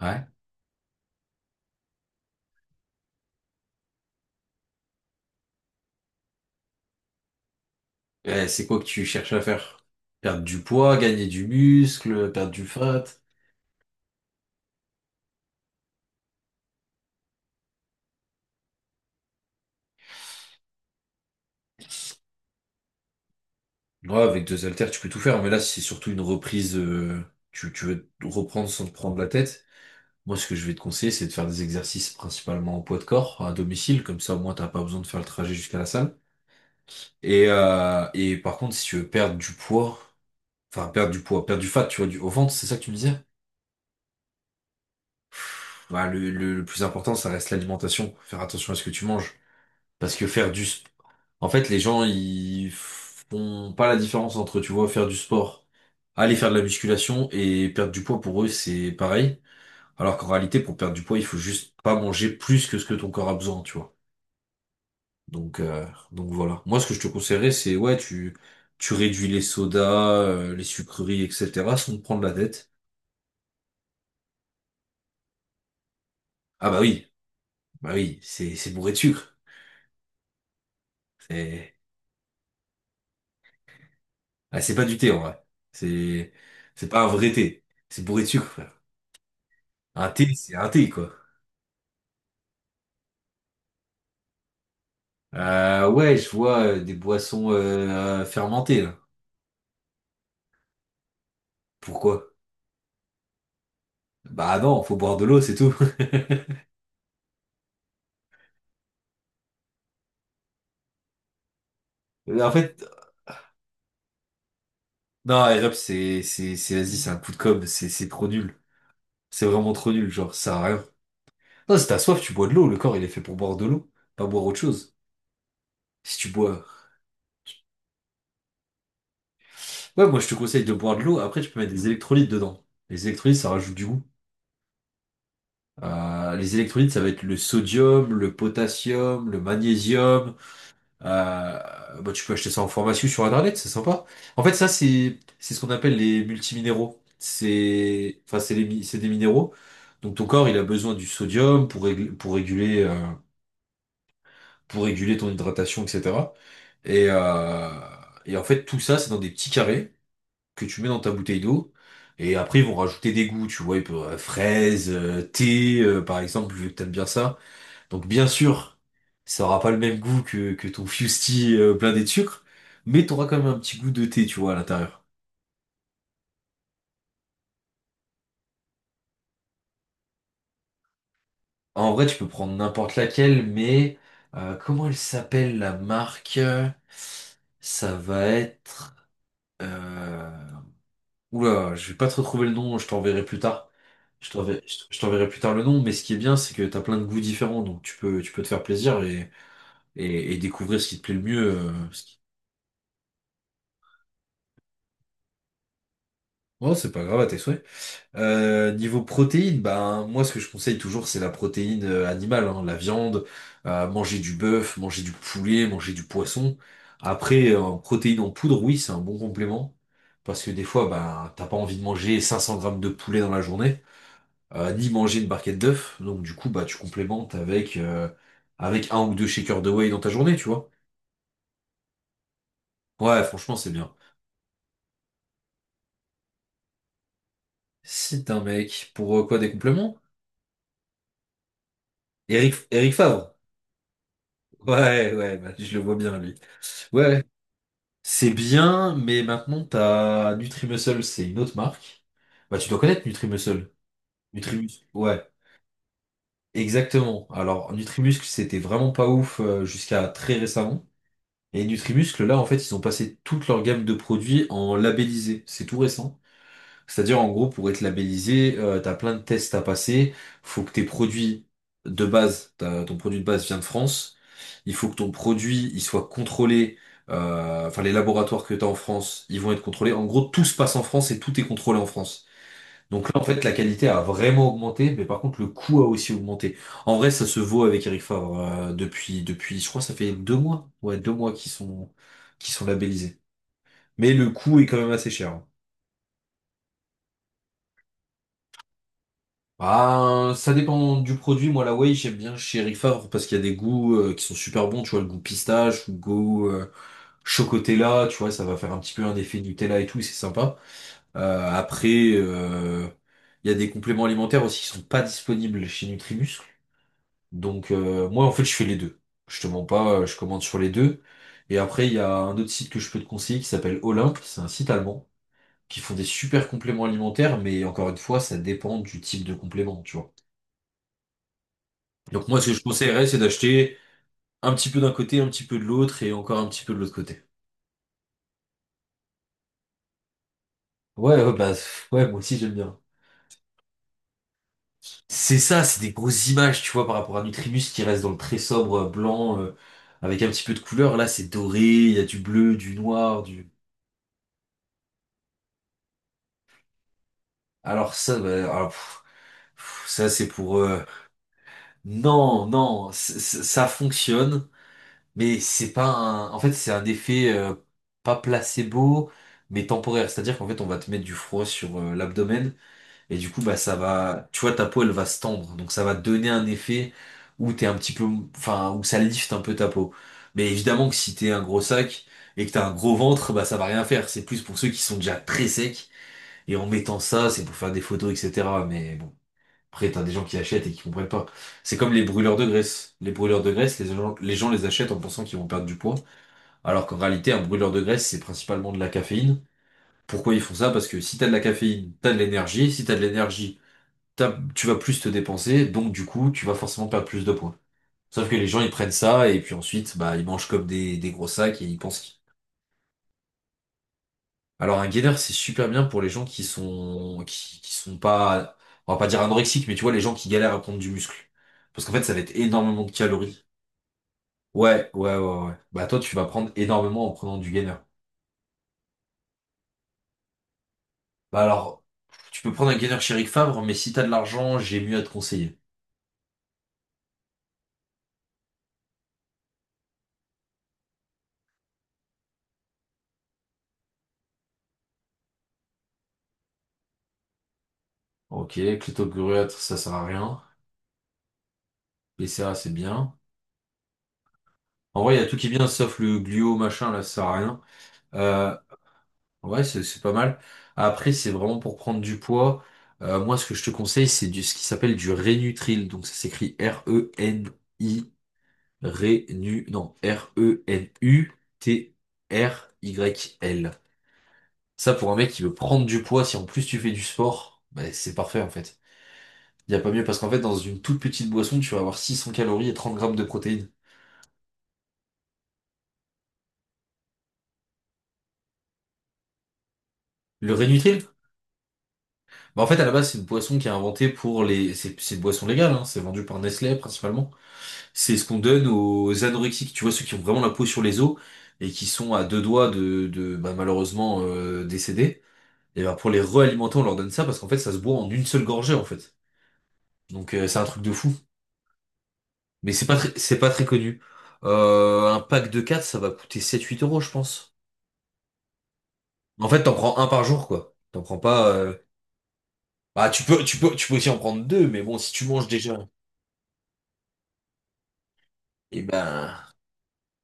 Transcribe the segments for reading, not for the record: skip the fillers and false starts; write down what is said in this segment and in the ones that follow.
Ouais. C'est quoi que tu cherches à faire? Perdre du poids, gagner du muscle, perdre du fat? Ouais, avec deux haltères, tu peux tout faire, mais là, c'est surtout une reprise. Tu veux te reprendre sans te prendre la tête. Moi, ce que je vais te conseiller, c'est de faire des exercices principalement en poids de corps, à domicile, comme ça, au moins, t'as pas besoin de faire le trajet jusqu'à la salle. Et par contre, si tu veux perdre du poids, enfin, perdre du poids, perdre du fat, tu vois, du, au ventre, c'est ça que tu me disais? Bah, le plus important, ça reste l'alimentation. Faire attention à ce que tu manges. Parce que faire du... sp- En fait, les gens, ils font pas la différence entre, tu vois, faire du sport, aller faire de la musculation et perdre du poids pour eux, c'est pareil. Alors qu'en réalité, pour perdre du poids, il faut juste pas manger plus que ce que ton corps a besoin, tu vois. Donc, euh, donc, voilà. Moi, ce que je te conseillerais, c'est, ouais, tu réduis les sodas, les sucreries, etc., sans te prendre la tête. Ah bah oui, c'est bourré de sucre. C'est, c'est pas du thé, en vrai. C'est, c'est pas un vrai thé. C'est bourré de sucre. Un thé, c'est un thé, quoi. Ouais, je vois des boissons fermentées, là. Pourquoi? Bah non, faut boire de l'eau, c'est tout. En fait, non, Airup, c'est, vas-y, c'est un coup de com', c'est trop nul. C'est vraiment trop nul, genre, ça sert à rien. Non, si t'as soif, tu bois de l'eau, le corps, il est fait pour boire de l'eau, pas boire autre chose. Si tu bois. Ouais, moi, je te conseille de boire de l'eau, après, tu peux mettre des électrolytes dedans. Les électrolytes, ça rajoute du goût. Les électrolytes, ça va être le sodium, le potassium, le magnésium. Bah, tu peux acheter ça en formation sur Internet, c'est sympa. En fait, ça, c'est ce qu'on appelle les multiminéraux. C'est, enfin, c'est des minéraux. Donc ton corps, il a besoin du sodium pour réguler ton hydratation, etc. Et euh, et en fait, tout ça, c'est dans des petits carrés que tu mets dans ta bouteille d'eau. Et après, ils vont rajouter des goûts, tu vois, ils peuvent, fraises, thé, par exemple, vu que t'aimes bien ça. Donc bien sûr, ça aura pas le même goût que ton fusti blindé de sucre, mais t'auras quand même un petit goût de thé, tu vois, à l'intérieur. En vrai, tu peux prendre n'importe laquelle, mais comment elle s'appelle la marque? Ça va être. Euh... Oula, je vais pas te retrouver le nom, je t'enverrai plus tard. Je t'enverrai plus tard le nom, mais ce qui est bien, c'est que t'as plein de goûts différents, donc tu peux te faire plaisir et découvrir ce qui te plaît le mieux. Oh, c'est pas grave, à tes souhaits. Niveau protéines, ben moi ce que je conseille toujours c'est la protéine animale, hein, la viande. Manger du bœuf, manger du poulet, manger du poisson. Après, en protéines en poudre, oui, c'est un bon complément. Parce que des fois, ben, t'as pas envie de manger 500 grammes de poulet dans la journée, ni manger une barquette d'œufs. Donc du coup, bah tu complémentes avec un ou deux shakers de whey dans ta journée, tu vois. Ouais, franchement, c'est bien. Si t'es un mec, pour quoi des compléments? Eric Favre. Ouais, ouais, bah, je le vois bien lui. Ouais. C'est bien, mais maintenant t'as Nutrimuscle, c'est une autre marque. Bah tu dois connaître Nutrimuscle. Nutrimuscle, ouais, exactement. Alors Nutrimuscle, c'était vraiment pas ouf jusqu'à très récemment. Et Nutrimuscle, là en fait, ils ont passé toute leur gamme de produits en labellisé. C'est tout récent. C'est-à-dire en gros, pour être labellisé, t'as plein de tests à passer. Faut que tes produits de base, ton produit de base vient de France. Il faut que ton produit, il soit contrôlé. Enfin, les laboratoires que tu as en France, ils vont être contrôlés. En gros, tout se passe en France et tout est contrôlé en France. Donc là, en fait, la qualité a vraiment augmenté, mais par contre, le coût a aussi augmenté. En vrai, ça se vaut avec Eric Favre depuis, je crois, que ça fait 2 mois. Ouais, 2 mois qu'ils sont labellisés. Mais le coût est quand même assez cher, hein. Ah, ça dépend du produit. Moi, la whey, j'aime bien chez Eric Favre parce qu'il y a des goûts qui sont super bons. Tu vois, le goût pistache ou le goût chocotella, tu vois, ça va faire un petit peu un effet Nutella et tout, c'est sympa. Après, il y a des compléments alimentaires aussi qui sont pas disponibles chez Nutrimuscle. Donc, moi, en fait, je fais les deux. Je te mens pas, je commande sur les deux. Et après, il y a un autre site que je peux te conseiller qui s'appelle Olympe. C'est un site allemand qui font des super compléments alimentaires, mais encore une fois, ça dépend du type de complément, tu vois. Donc moi, ce que je conseillerais, c'est d'acheter un petit peu d'un côté, un petit peu de l'autre et encore un petit peu de l'autre côté. Ouais, ouais, bah, ouais, moi aussi j'aime bien. C'est ça, c'est des grosses images, tu vois, par rapport à Nutribus qui reste dans le très sobre blanc, avec un petit peu de couleur. Là, c'est doré, il y a du bleu, du noir, du. Alors ça, bah, alors, pff, pff, ça c'est pour. Non, non, ça fonctionne, mais c'est pas un. En fait, c'est un effet pas placebo, mais temporaire. C'est-à-dire qu'en fait, on va te mettre du froid sur l'abdomen. Et du coup, bah, ça va, tu vois, ta peau, elle va se tendre. Donc, ça va donner un effet où t'es un petit peu, enfin, où ça lifte un peu ta peau. Mais évidemment que si t'es un gros sac et que t'as un gros ventre, bah, ça va rien faire. C'est plus pour ceux qui sont déjà très secs. Et en mettant ça, c'est pour faire des photos, etc. Mais bon. Après, t'as des gens qui achètent et qui comprennent pas. C'est comme les brûleurs de graisse. Les brûleurs de graisse, les gens les achètent en pensant qu'ils vont perdre du poids. Alors qu'en réalité, un brûleur de graisse, c'est principalement de la caféine. Pourquoi ils font ça? Parce que si t'as de la caféine, t'as de l'énergie. Si t'as de l'énergie, tu vas plus te dépenser, donc du coup, tu vas forcément perdre plus de points. Sauf que les gens, ils prennent ça, et puis ensuite, bah, ils mangent comme des gros sacs, et ils pensent. Alors, un gainer, c'est super bien pour les gens qui sont pas, on va pas dire anorexiques, mais tu vois, les gens qui galèrent à prendre du muscle. Parce qu'en fait, ça va être énormément de calories. Ouais, ouais, ouais, ouais. Bah, toi, tu vas prendre énormément en prenant du gainer. Bah, alors, tu peux prendre un gainer chez Rick Favre, mais si t'as de l'argent, j'ai mieux à te conseiller. Ok, Cléto Gruet, ça sert à rien. BCA, c'est bien. En vrai, il y a tout qui est bien, sauf le gluo, machin, là, ça sert à rien. Euh, ouais, c'est pas mal. Après, c'est vraiment pour prendre du poids. Moi, ce que je te conseille, ce qui s'appelle du Rénutril. Donc, ça s'écrit R-E-N-I, Rénu, non, Renutryl. Ça, pour un mec qui veut prendre du poids, si en plus tu fais du sport, bah, c'est parfait, en fait. Il n'y a pas mieux, parce qu'en fait, dans une toute petite boisson, tu vas avoir 600 calories et 30 grammes de protéines. Le Rénutril, bah en fait, à la base, c'est une boisson qui est inventée pour les. C'est une boisson légale, hein, c'est vendu par Nestlé principalement. C'est ce qu'on donne aux anorexiques, tu vois, ceux qui ont vraiment la peau sur les os et qui sont à deux doigts de bah, malheureusement décédés. Et bah, pour les réalimenter, on leur donne ça parce qu'en fait, ça se boit en une seule gorgée en fait. Donc c'est un truc de fou. Mais c'est pas très connu. Un pack de 4, ça va coûter 7-8 euros, je pense. En fait, t'en prends un par jour, quoi. T'en prends pas. Bah, tu peux aussi en prendre deux, mais bon, si tu manges déjà, et ben.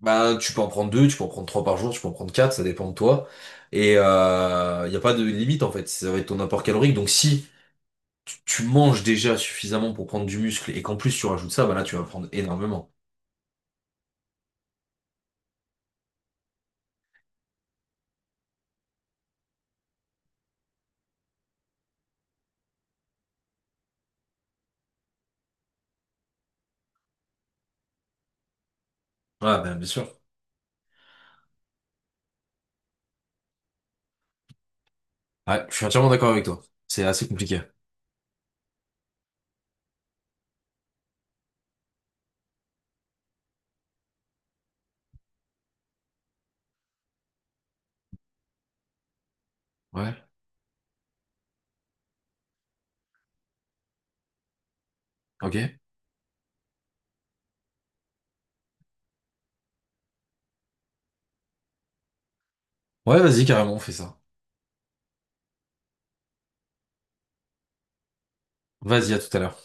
Bah, tu peux en prendre deux, tu peux en prendre 3 par jour, tu peux en prendre quatre, ça dépend de toi. Et il n'y a pas de limite en fait, ça va être ton apport calorique. Donc si tu manges déjà suffisamment pour prendre du muscle et qu'en plus tu rajoutes ça, bah là tu vas prendre énormément. Ouais, ben bien sûr. Ouais, je suis entièrement d'accord avec toi. C'est assez compliqué. Ouais, ok. Ouais, vas-y, carrément, on fait ça. Vas-y, à tout à l'heure.